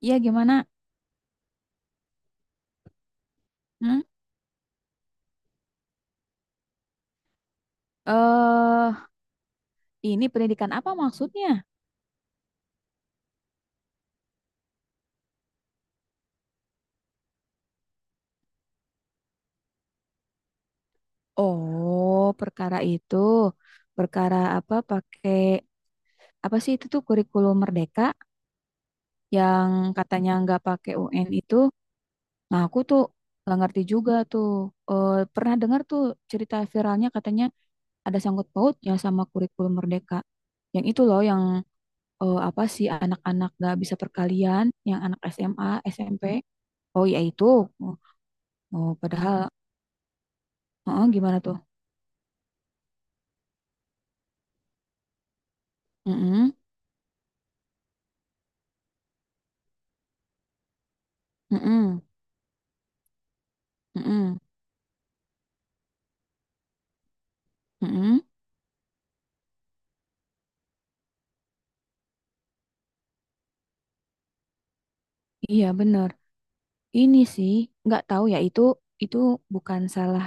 Iya, gimana? Hmm? Eh, ini pendidikan apa maksudnya? Oh, perkara itu, perkara apa pakai apa sih itu tuh kurikulum merdeka yang katanya nggak pakai UN itu. Nah, aku tuh nggak ngerti juga tuh. Pernah dengar tuh cerita viralnya katanya ada sangkut pautnya sama kurikulum merdeka. Yang itu loh, apa sih anak-anak nggak bisa perkalian, yang anak SMA, SMP. Oh iya itu. Oh, oh, Heeh, gimana tuh? Mm-mm, mm-mm, mm-mm, mm-mm. Iya bener. Ini sih nggak tahu ya, itu bukan salah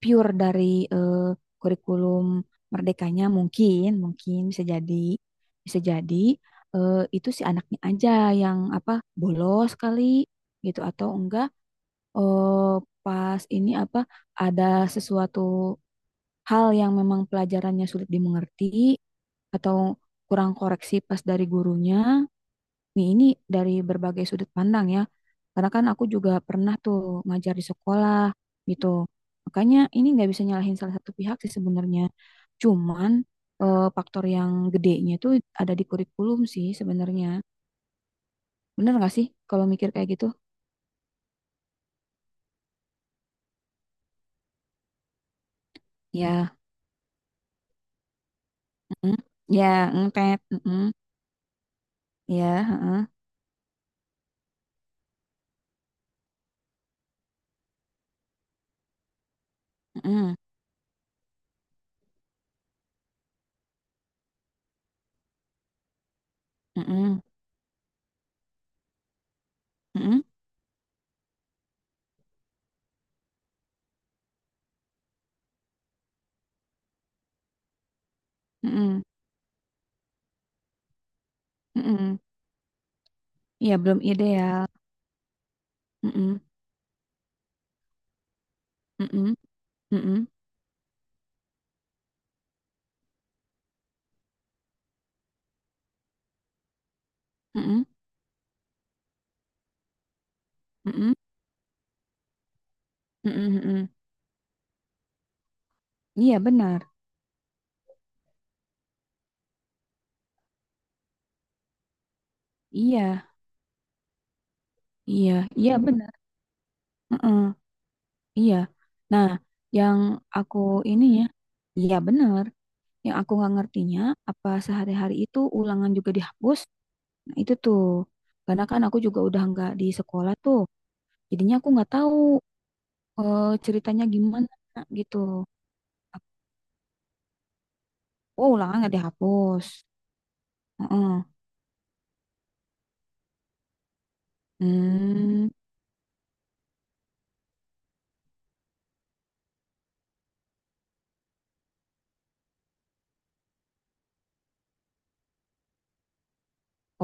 pure dari eh, kurikulum merdekanya. Mungkin mungkin bisa jadi itu si anaknya aja yang apa, bolos kali gitu, atau enggak, eh, pas ini apa, ada sesuatu hal yang memang pelajarannya sulit dimengerti, atau kurang koreksi pas dari gurunya. Nih, ini dari berbagai sudut pandang ya. Karena kan aku juga pernah tuh ngajar di sekolah gitu. Makanya ini nggak bisa nyalahin salah satu pihak sih sebenarnya. Cuman faktor yang gedenya itu ada di kurikulum sih sebenarnya. Bener nggak sih kalau mikir kayak gitu? Ya, mm, ya, mm, mm, mm, ya, heeh, mm, mm, mm, mm, mm, mm, mm, mm. Ya, belum ideal. Mm, mm, mm, mm, mm, mm, mm, mm, mm, mm, mm. Iya benar. Iya, iya, iya benar. Heeh, iya. Nah, yang aku ini ya, iya benar. Yang aku nggak ngertinya apa sehari-hari itu ulangan juga dihapus. Nah, itu tuh. Karena kan aku juga udah nggak di sekolah tuh. Jadinya aku nggak tahu ceritanya gimana gitu. Oh, ulangan nggak dihapus. Heeh. Hmm.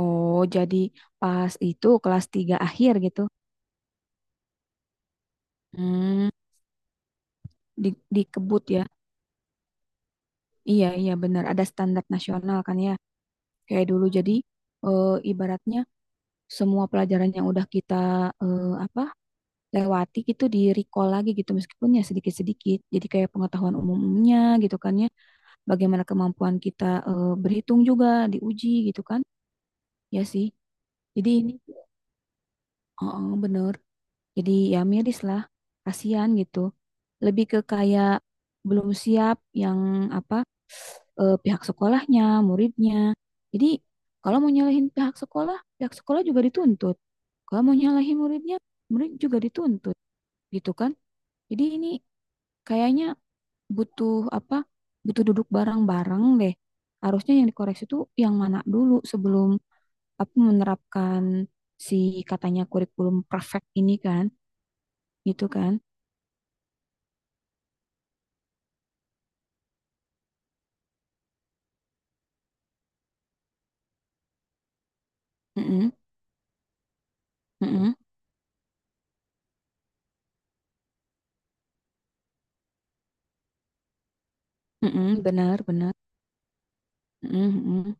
Oh, jadi pas itu kelas 3 akhir gitu. Hmm, di, dikebut ya. Iya, iya benar. Ada standar nasional kan ya. Kayak dulu jadi ibaratnya semua pelajaran yang udah kita apa lewati gitu di recall lagi gitu meskipun ya sedikit-sedikit. Jadi kayak pengetahuan umumnya gitu kan ya. Bagaimana kemampuan kita berhitung juga diuji gitu kan. Ya sih. Jadi ini, oh, oh, bener. Jadi ya miris lah. Kasihan gitu. Lebih ke kayak belum siap yang apa, pihak sekolahnya, muridnya. Jadi kalau mau nyalahin pihak sekolah juga dituntut. Kalau mau nyalahin muridnya, murid juga dituntut, gitu kan? Jadi ini kayaknya butuh apa? Butuh duduk bareng-bareng deh. Harusnya yang dikoreksi itu yang mana dulu sebelum apa menerapkan si katanya kurikulum perfect ini kan, gitu kan? Mm-mm, mm-mm, mm-mm, benar, benar. Mm-mm, mm-mm.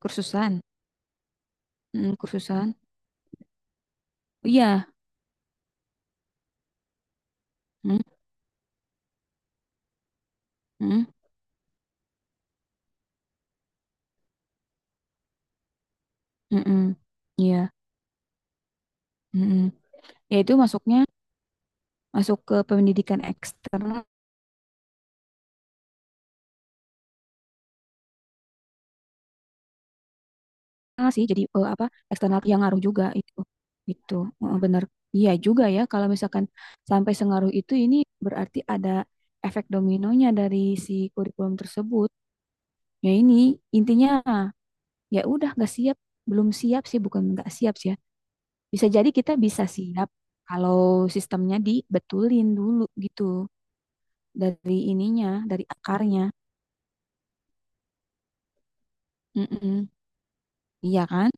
Kursusan, kursusan. Iya. Mm, mm. Mm-mm. Iya. Mm-mm. Ya itu masuknya masuk ke pendidikan eksternal sih. Jadi apa, eksternal yang ngaruh juga itu. Itu benar. Iya juga ya, kalau misalkan sampai sengaruh itu, ini berarti ada efek dominonya dari si kurikulum tersebut. Ya ini intinya ya udah nggak siap, belum siap sih, bukan nggak siap sih ya. Bisa jadi kita bisa siap kalau sistemnya dibetulin dulu gitu dari ininya, dari akarnya. Mm-mm. Iya kan?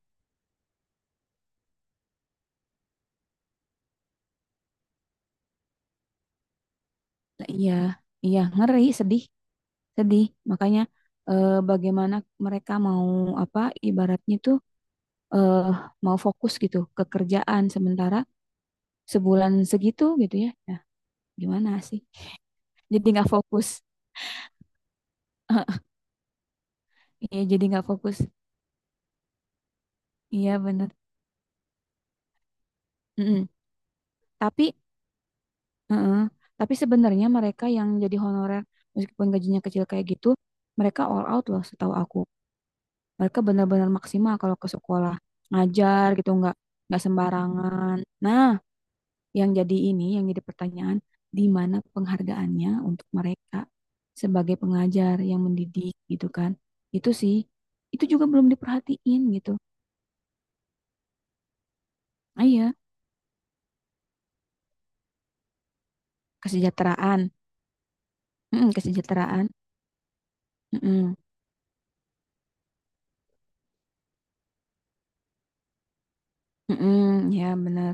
Lah, iya, iya ngeri, sedih, sedih. Makanya bagaimana mereka mau apa, ibaratnya tuh eh, mau fokus gitu ke kerjaan sementara sebulan segitu gitu ya. Nah, gimana sih? Jadi nggak fokus. Iya, jadi nggak fokus. Iya, bener. Mm-mm. Tapi, mm-mm. Tapi sebenarnya mereka yang jadi honorer meskipun gajinya kecil kayak gitu, mereka all out loh setahu aku. Mereka benar-benar maksimal kalau ke sekolah ngajar gitu, nggak sembarangan. Nah, yang jadi ini, yang jadi pertanyaan, di mana penghargaannya untuk mereka sebagai pengajar yang mendidik gitu kan. Itu sih, itu juga belum diperhatiin gitu. Ah, iya, kesejahteraan. Mm-mm, kesejahteraan. Mm-mm, mm-mm, ya benar,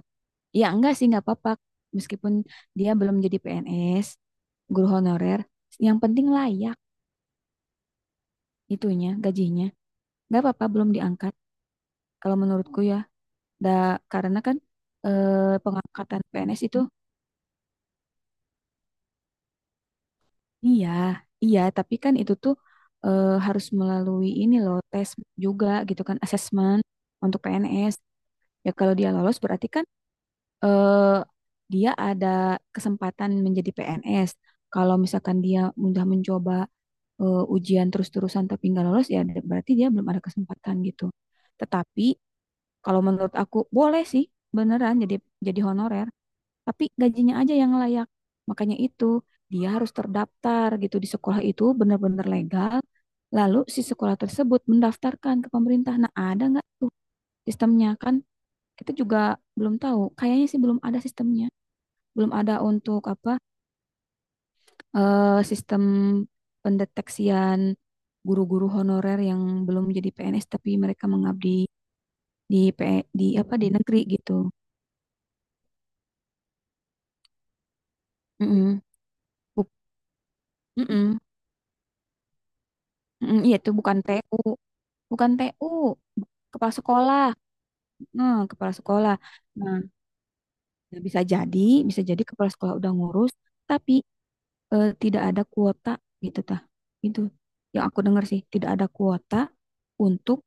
ya enggak sih, nggak apa-apa meskipun dia belum jadi PNS, guru honorer, yang penting layak itunya gajinya. Nggak apa-apa, belum diangkat. Kalau menurutku ya, da, karena kan pengangkatan PNS itu, iya, iya, tapi kan itu tuh harus melalui ini loh, tes juga gitu kan, asesmen untuk PNS. Ya kalau dia lolos berarti kan eh, dia ada kesempatan menjadi PNS. Kalau misalkan dia mudah mencoba ujian terus-terusan tapi nggak lolos, ya berarti dia belum ada kesempatan gitu. Tetapi kalau menurut aku boleh sih, beneran jadi honorer, tapi gajinya aja yang layak. Makanya itu dia harus terdaftar gitu di sekolah, itu benar-benar legal. Lalu si sekolah tersebut mendaftarkan ke pemerintah. Nah, ada nggak tuh sistemnya kan? Kita juga belum tahu. Kayaknya sih belum ada sistemnya. Belum ada, untuk apa, sistem pendeteksian guru-guru honorer yang belum jadi PNS tapi mereka mengabdi di P, E, di apa di negeri gitu. Mm-mm. Buk- mm-mm. Mm-mm. Iya, itu bukan TU. Bukan TU, kepala sekolah. Kepala sekolah. Nah, ya bisa jadi kepala sekolah udah ngurus, tapi tidak ada kuota gitu tah. Itu yang aku dengar sih, tidak ada kuota untuk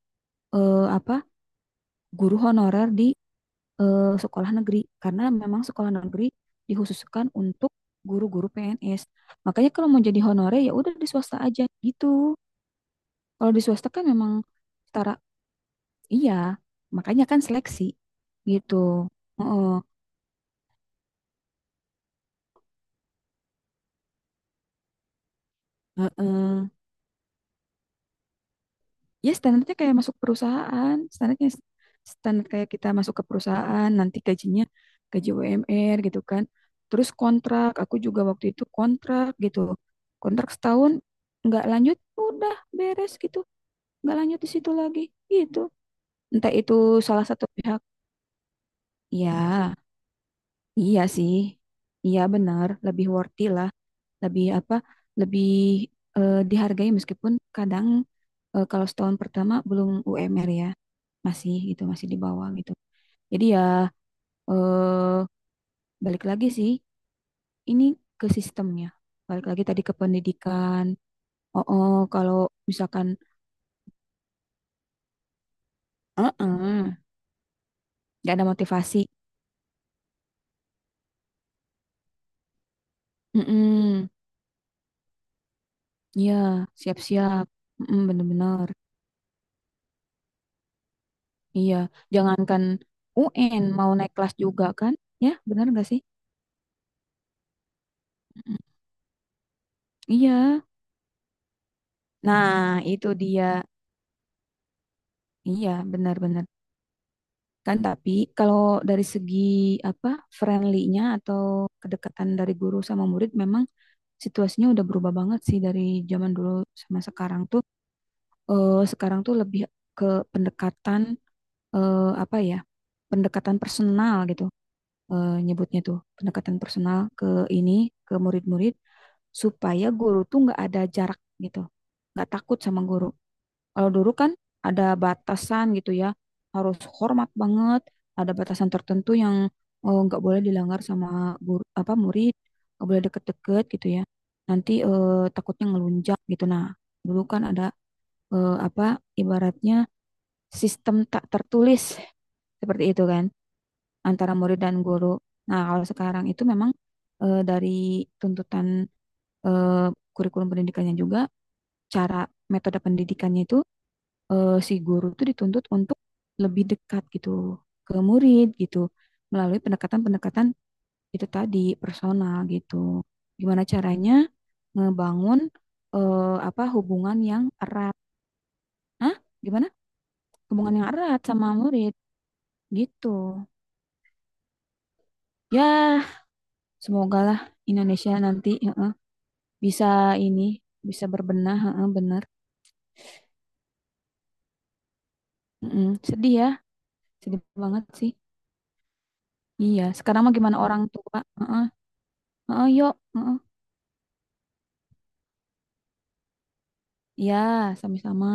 apa, guru honorer di sekolah negeri, karena memang sekolah negeri dikhususkan untuk guru-guru PNS. Makanya kalau mau jadi honorer ya udah di swasta aja gitu. Kalau di swasta kan memang setara. Iya, makanya kan seleksi gitu. Oh, ya standarnya kayak masuk perusahaan, standarnya standar kayak kita masuk ke perusahaan, nanti gajinya gaji UMR gitu kan. Terus kontrak, aku juga waktu itu kontrak gitu. Kontrak setahun nggak lanjut, udah beres gitu. Nggak lanjut di situ lagi gitu. Entah itu salah satu pihak. Ya, iya sih. Iya benar, lebih worthy lah. Lebih apa, lebih dihargai meskipun kadang kalau setahun pertama belum UMR ya masih gitu, masih di bawah gitu, jadi ya eh, balik lagi sih ini ke sistemnya, balik lagi tadi ke pendidikan. Oh, oh, kalau misalkan, eh eh, nggak ada motivasi. Mm, iya, siap-siap. Mm, bener-bener. Iya, jangankan UN, mau naik kelas juga kan, ya bener nggak sih? Mm-mm. Iya. Nah, itu dia. Iya, benar-benar. Kan tapi kalau dari segi apa, friendly-nya atau kedekatan dari guru sama murid, memang situasinya udah berubah banget sih dari zaman dulu sama sekarang tuh. Sekarang tuh lebih ke pendekatan, apa ya? Pendekatan personal gitu. Nyebutnya tuh pendekatan personal ke ini ke murid-murid supaya guru tuh nggak ada jarak gitu. Nggak takut sama guru. Kalau dulu kan ada batasan gitu ya, harus hormat banget, ada batasan tertentu yang nggak boleh dilanggar sama guru, apa murid, nggak boleh deket-deket gitu ya. Nanti takutnya ngelunjak gitu. Nah, dulu kan ada apa, ibaratnya sistem tak tertulis seperti itu kan antara murid dan guru. Nah, kalau sekarang itu memang dari tuntutan eh, kurikulum pendidikannya juga, cara metode pendidikannya itu si guru tuh dituntut untuk lebih dekat gitu ke murid gitu melalui pendekatan-pendekatan itu tadi personal gitu. Gimana caranya ngebangun apa, hubungan yang erat? Hah? Gimana? Hubungan yang erat sama murid gitu. Ya, semoga lah Indonesia nanti heeh, bisa ini bisa berbenah, heeh, bener. Mm-mm. Sedih ya, sedih banget sih. Iya, sekarang mah gimana orang tua? Heeh, heeh, yuk. Heeh. Iya, sama-sama.